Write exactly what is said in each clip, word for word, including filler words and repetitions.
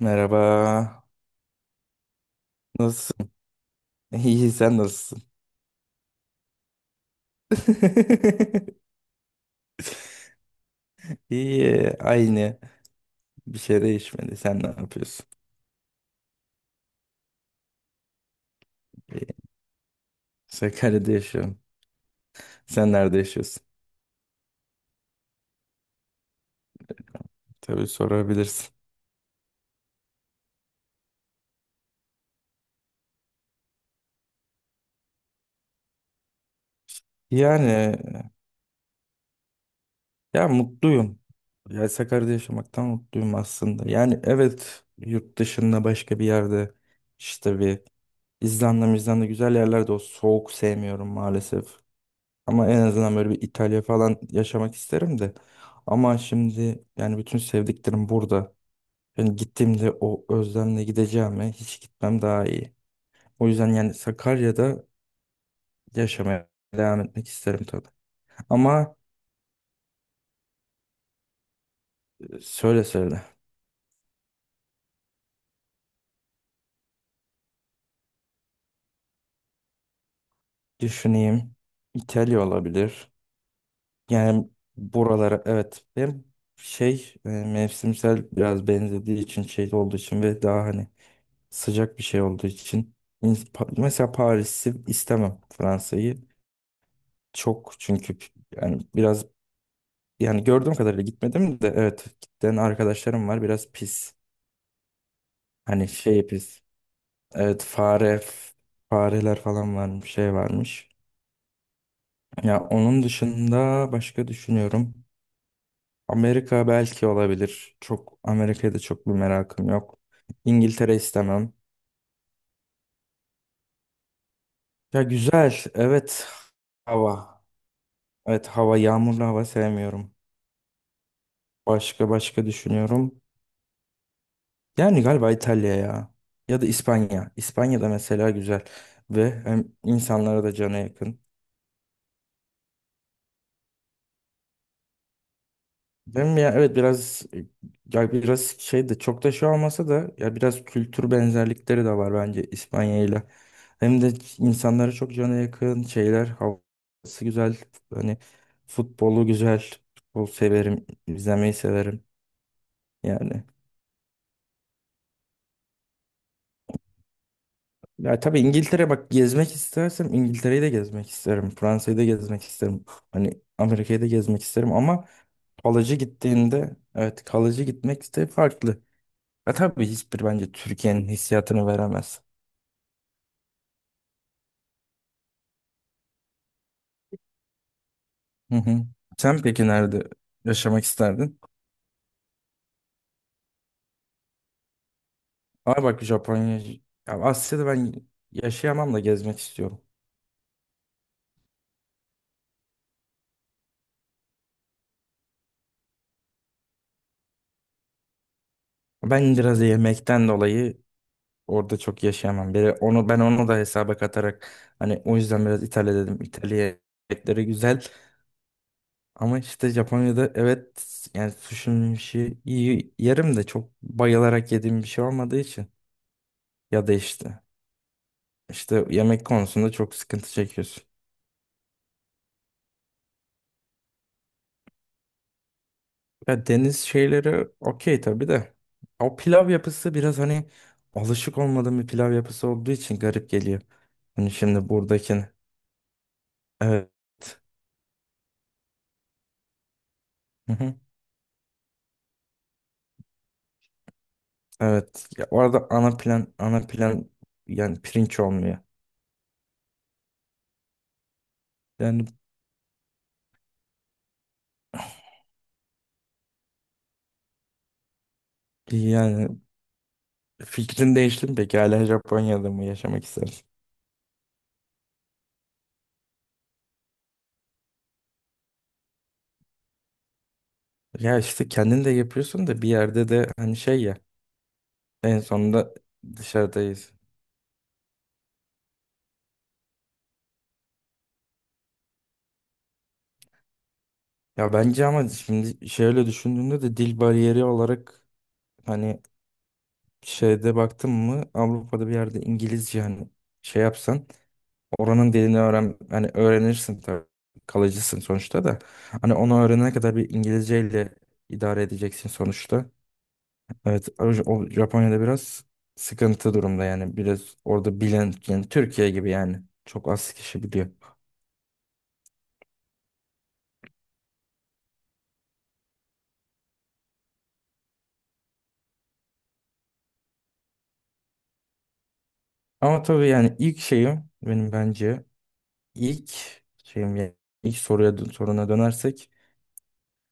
Merhaba. Nasılsın? İyi, sen nasılsın? İyi, aynı. Bir şey değişmedi. Sen ne yapıyorsun? İyi. Sakarya'da yaşıyorum. Sen nerede yaşıyorsun? Tabii sorabilirsin. Yani, ya mutluyum. Ya Sakarya'da yaşamaktan mutluyum aslında. Yani evet, yurt dışında başka bir yerde, işte bir, İzlanda, İzlanda güzel yerlerde. O soğuk sevmiyorum maalesef. Ama en azından böyle bir İtalya falan yaşamak isterim de. Ama şimdi yani bütün sevdiklerim burada. Yani gittiğimde o özlemle gideceğime hiç gitmem daha iyi. O yüzden yani Sakarya'da yaşamaya devam etmek isterim tabii. Ama e, söyle, söyle. Düşüneyim. İtalya olabilir. Yani buralara, evet. Hem şey, e, mevsimsel biraz benzediği için, şey olduğu için ve daha hani sıcak bir şey olduğu için, İns- Pa- mesela Paris'i istemem, Fransa'yı çok, çünkü p- yani biraz, yani gördüğüm kadarıyla gitmedim de, evet, giden arkadaşlarım var, biraz pis. Hani şey pis, evet, fare f- fareler falan varmış, şey varmış. Ya onun dışında başka düşünüyorum, Amerika belki olabilir, çok Amerika'ya da çok bir merakım yok. İngiltere istemem. Ya güzel, evet, hava, evet, hava yağmurlu, hava sevmiyorum. Başka başka düşünüyorum. Yani galiba İtalya ya. Ya da İspanya. İspanya'da mesela güzel. Ve hem insanlara da cana yakın. Hem, ya evet biraz, ya biraz şey de, çok da şey olmasa da, ya biraz kültür benzerlikleri de var bence İspanya ile. Hem de insanlara çok cana yakın, şeyler, havası güzel. Hani, futbolu güzel. Futbol severim, izlemeyi severim yani. Ya tabii İngiltere, bak gezmek istersem İngiltere'yi de gezmek isterim. Fransa'yı da gezmek isterim. Hani Amerika'yı da gezmek isterim ama kalıcı gittiğinde, evet, kalıcı gitmek de farklı. Ya tabii hiçbir, bence Türkiye'nin hissiyatını veremez. Hı hı. Sen peki nerede yaşamak isterdin? Abi bak Japonya, ya Asya'da ben yaşayamam da gezmek istiyorum. Ben biraz da yemekten dolayı orada çok yaşayamam. Bir, onu, ben onu da hesaba katarak, hani o yüzden biraz İtalya dedim. İtalya yemekleri güzel ama işte Japonya'da, evet, yani sushi'nin işi iyi yerim de çok bayılarak yediğim bir şey olmadığı için, ya da işte işte yemek konusunda çok sıkıntı çekiyorsun. Ya deniz şeyleri okey tabii de, o pilav yapısı biraz hani, alışık olmadığım bir pilav yapısı olduğu için garip geliyor. Hani şimdi buradakini, evet. Evet. Ya orada ana plan, ana plan, yani pirinç olmuyor. Yani yani fikrin değişti mi peki, hala Japonya'da mı yaşamak istersin? Ya işte kendin de yapıyorsun da bir yerde de, hani şey ya, en sonunda dışarıdayız. Ya bence ama şimdi şöyle düşündüğünde de dil bariyeri olarak, hani şeyde baktın mı, Avrupa'da bir yerde İngilizce, hani şey yapsan, oranın dilini öğren, hani öğrenirsin tabii. Kalıcısın sonuçta da. Hani onu öğrenene kadar bir İngilizceyle idare edeceksin sonuçta. Evet, o o Japonya'da biraz sıkıntı durumda yani. Biraz orada bilen, yani Türkiye gibi yani. Çok az kişi biliyor. Ama tabii yani ilk şeyim, benim bence ilk şeyim, yani ilk soruya, soruna dönersek,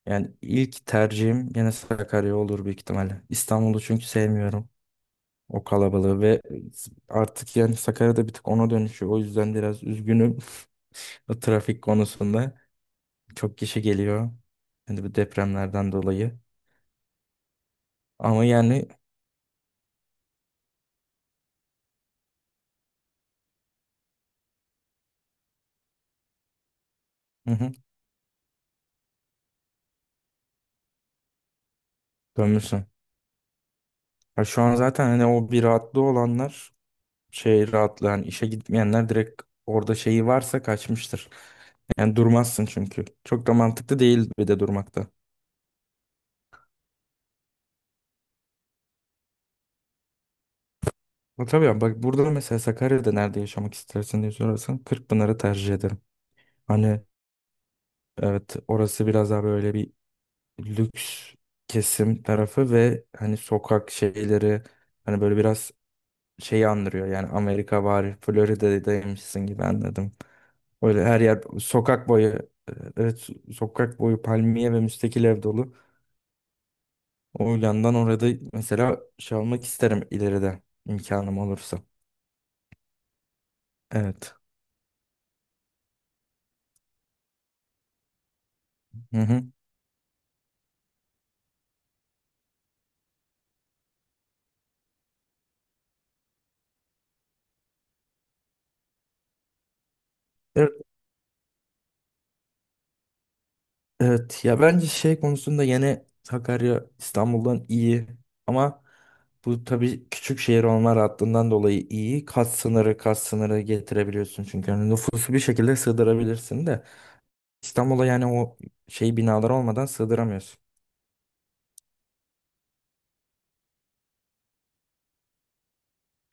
yani ilk tercihim gene Sakarya olur büyük ihtimalle. İstanbul'u çünkü sevmiyorum. O kalabalığı ve, artık yani Sakarya'da bir tık ona dönüşüyor. O yüzden biraz üzgünüm o trafik konusunda. Çok kişi geliyor. Hani bu depremlerden dolayı. Ama yani, hı hı, dönmüşsün. Ya şu an zaten hani o bir rahatlığı olanlar, şey rahatlığı, hani işe gitmeyenler direkt, orada şeyi varsa kaçmıştır. Yani durmazsın çünkü. Çok da mantıklı değil bir de durmakta. Ama tabii ya, bak burada mesela Sakarya'da nerede yaşamak istersin diye sorarsan, Kırkpınar'ı tercih ederim. Hani, evet, orası biraz daha böyle bir lüks kesim tarafı ve hani sokak şeyleri, hani böyle biraz şeyi andırıyor. Yani Amerika var, Florida'daymışsın gibi anladım. Böyle her yer sokak boyu, e, evet, so, sokak boyu palmiye ve müstakil ev dolu. O yandan orada mesela şey almak isterim ileride imkanım olursa. Evet. Hı hı. Evet. Evet ya bence şey konusunda yine Sakarya İstanbul'dan iyi ama bu tabii küçük şehir olma rahatlığından dolayı iyi. Kat sınırı, kat sınırı getirebiliyorsun çünkü hani nüfusu bir şekilde sığdırabilirsin de İstanbul'a, yani o şey binalar olmadan sığdıramıyorsun.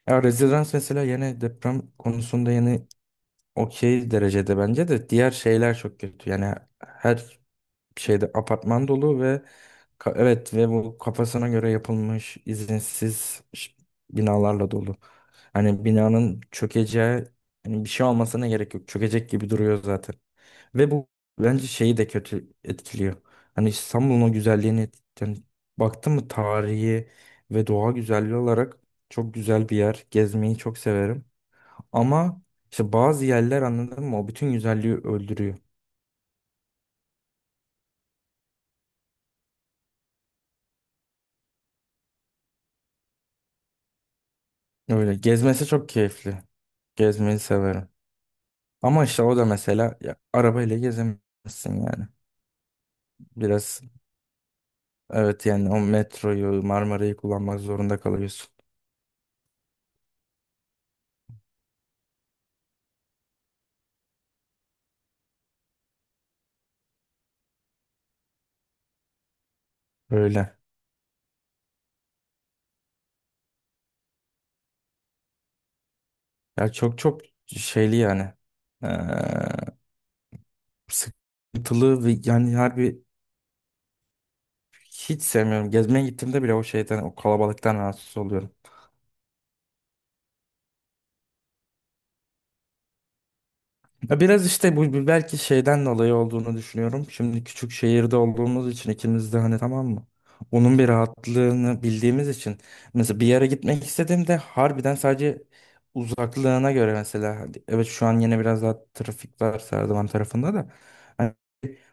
Ya rezidans mesela, yine deprem konusunda yine okey derecede, bence de diğer şeyler çok kötü. Yani her şeyde apartman dolu ve, ka- evet, ve bu kafasına göre yapılmış izinsiz ş- binalarla dolu. Hani binanın çökeceği, hani bir şey olmasına gerek yok. Çökecek gibi duruyor zaten. Ve bu bence şeyi de kötü etkiliyor. Hani İstanbul'un o güzelliğini et- yani baktım mı tarihi ve doğa güzelliği olarak çok güzel bir yer. Gezmeyi çok severim. Ama işte bazı yerler, anladın mı? O bütün güzelliği öldürüyor. Öyle. Gezmesi çok keyifli. Gezmeyi severim. Ama işte o da mesela ya, arabayla gezemezsin yani. Biraz, evet, yani o metroyu, Marmara'yı kullanmak zorunda kalıyorsun. Öyle. Ya çok çok şeyli yani. Ee, sıkıntılı ve yani harbi hiç sevmiyorum. Gezmeye gittiğimde bile o şeyden, o kalabalıktan rahatsız oluyorum. Ya biraz işte bu belki şeyden dolayı olduğunu düşünüyorum. Şimdi küçük şehirde olduğumuz için ikimiz de hani, tamam mı? Onun bir rahatlığını bildiğimiz için mesela bir yere gitmek istediğimde harbiden sadece uzaklığına göre, mesela hadi, evet şu an yine biraz daha trafik var Serdivan tarafında da. Hani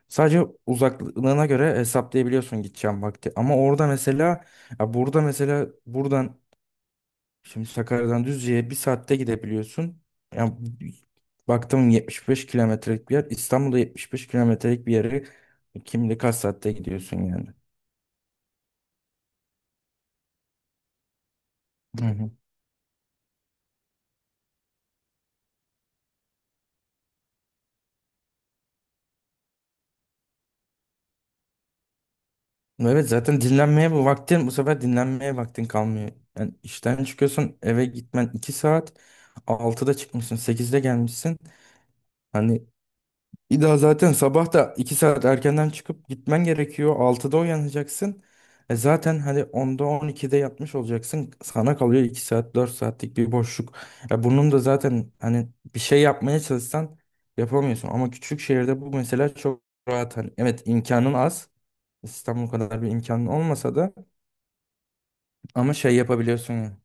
sadece uzaklığına göre hesaplayabiliyorsun gideceğim vakti. Ama orada mesela, ya burada mesela buradan, şimdi Sakarya'dan Düzce'ye bir saatte gidebiliyorsun. Yani baktım, yetmiş beş kilometrelik bir yer. İstanbul'da yetmiş beş kilometrelik bir yere kim bilir kaç saatte gidiyorsun yani. Hı hı. Evet zaten dinlenmeye bu vaktin bu sefer dinlenmeye vaktin kalmıyor. Yani işten çıkıyorsun, eve gitmen iki saat. Altıda çıkmışsın, sekizde gelmişsin. Hani bir daha zaten sabah da iki saat erkenden çıkıp gitmen gerekiyor. Altıda uyanacaksın. E zaten hani onda on ikide yatmış olacaksın. Sana kalıyor iki saat, dört saatlik bir boşluk. Ya bunun da zaten hani bir şey yapmaya çalışsan yapamıyorsun. Ama küçük şehirde bu mesela çok rahat. Hani, evet, imkanın az. İstanbul kadar bir imkanın olmasa da ama şey yapabiliyorsun ya.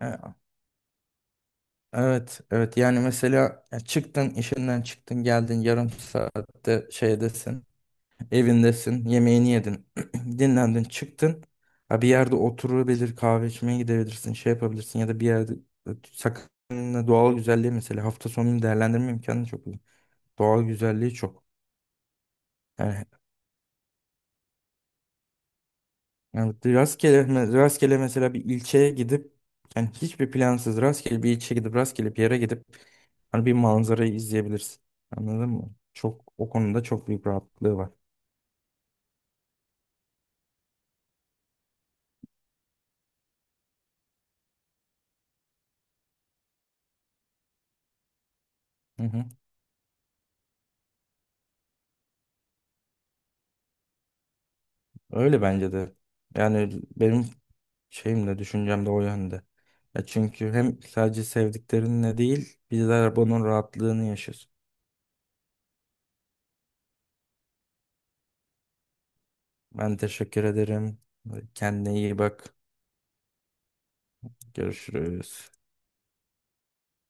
E, Evet, evet. Yani mesela ya çıktın, işinden çıktın, geldin, yarım saatte şeydesin. Evindesin, yemeğini yedin, dinlendin, çıktın. Ha, bir yerde oturabilir, kahve içmeye gidebilirsin, şey yapabilirsin ya da bir yerde, e, sakın, doğal güzelliği mesela hafta sonunu değerlendirme imkanı çok iyi. Doğal güzelliği çok. Yani, yani rastgele, rastgele mesela bir ilçeye gidip, yani hiçbir plansız rastgele bir ilçeye gidip rastgele bir yere gidip hani bir manzarayı izleyebilirsin. Anladın mı? Çok o konuda çok büyük rahatlığı var. Öyle bence de. Yani benim şeyim de düşüncem de o yönde. Ya çünkü hem sadece sevdiklerinle değil, bizler bunun rahatlığını yaşıyoruz. Ben teşekkür ederim. Kendine iyi bak. Görüşürüz.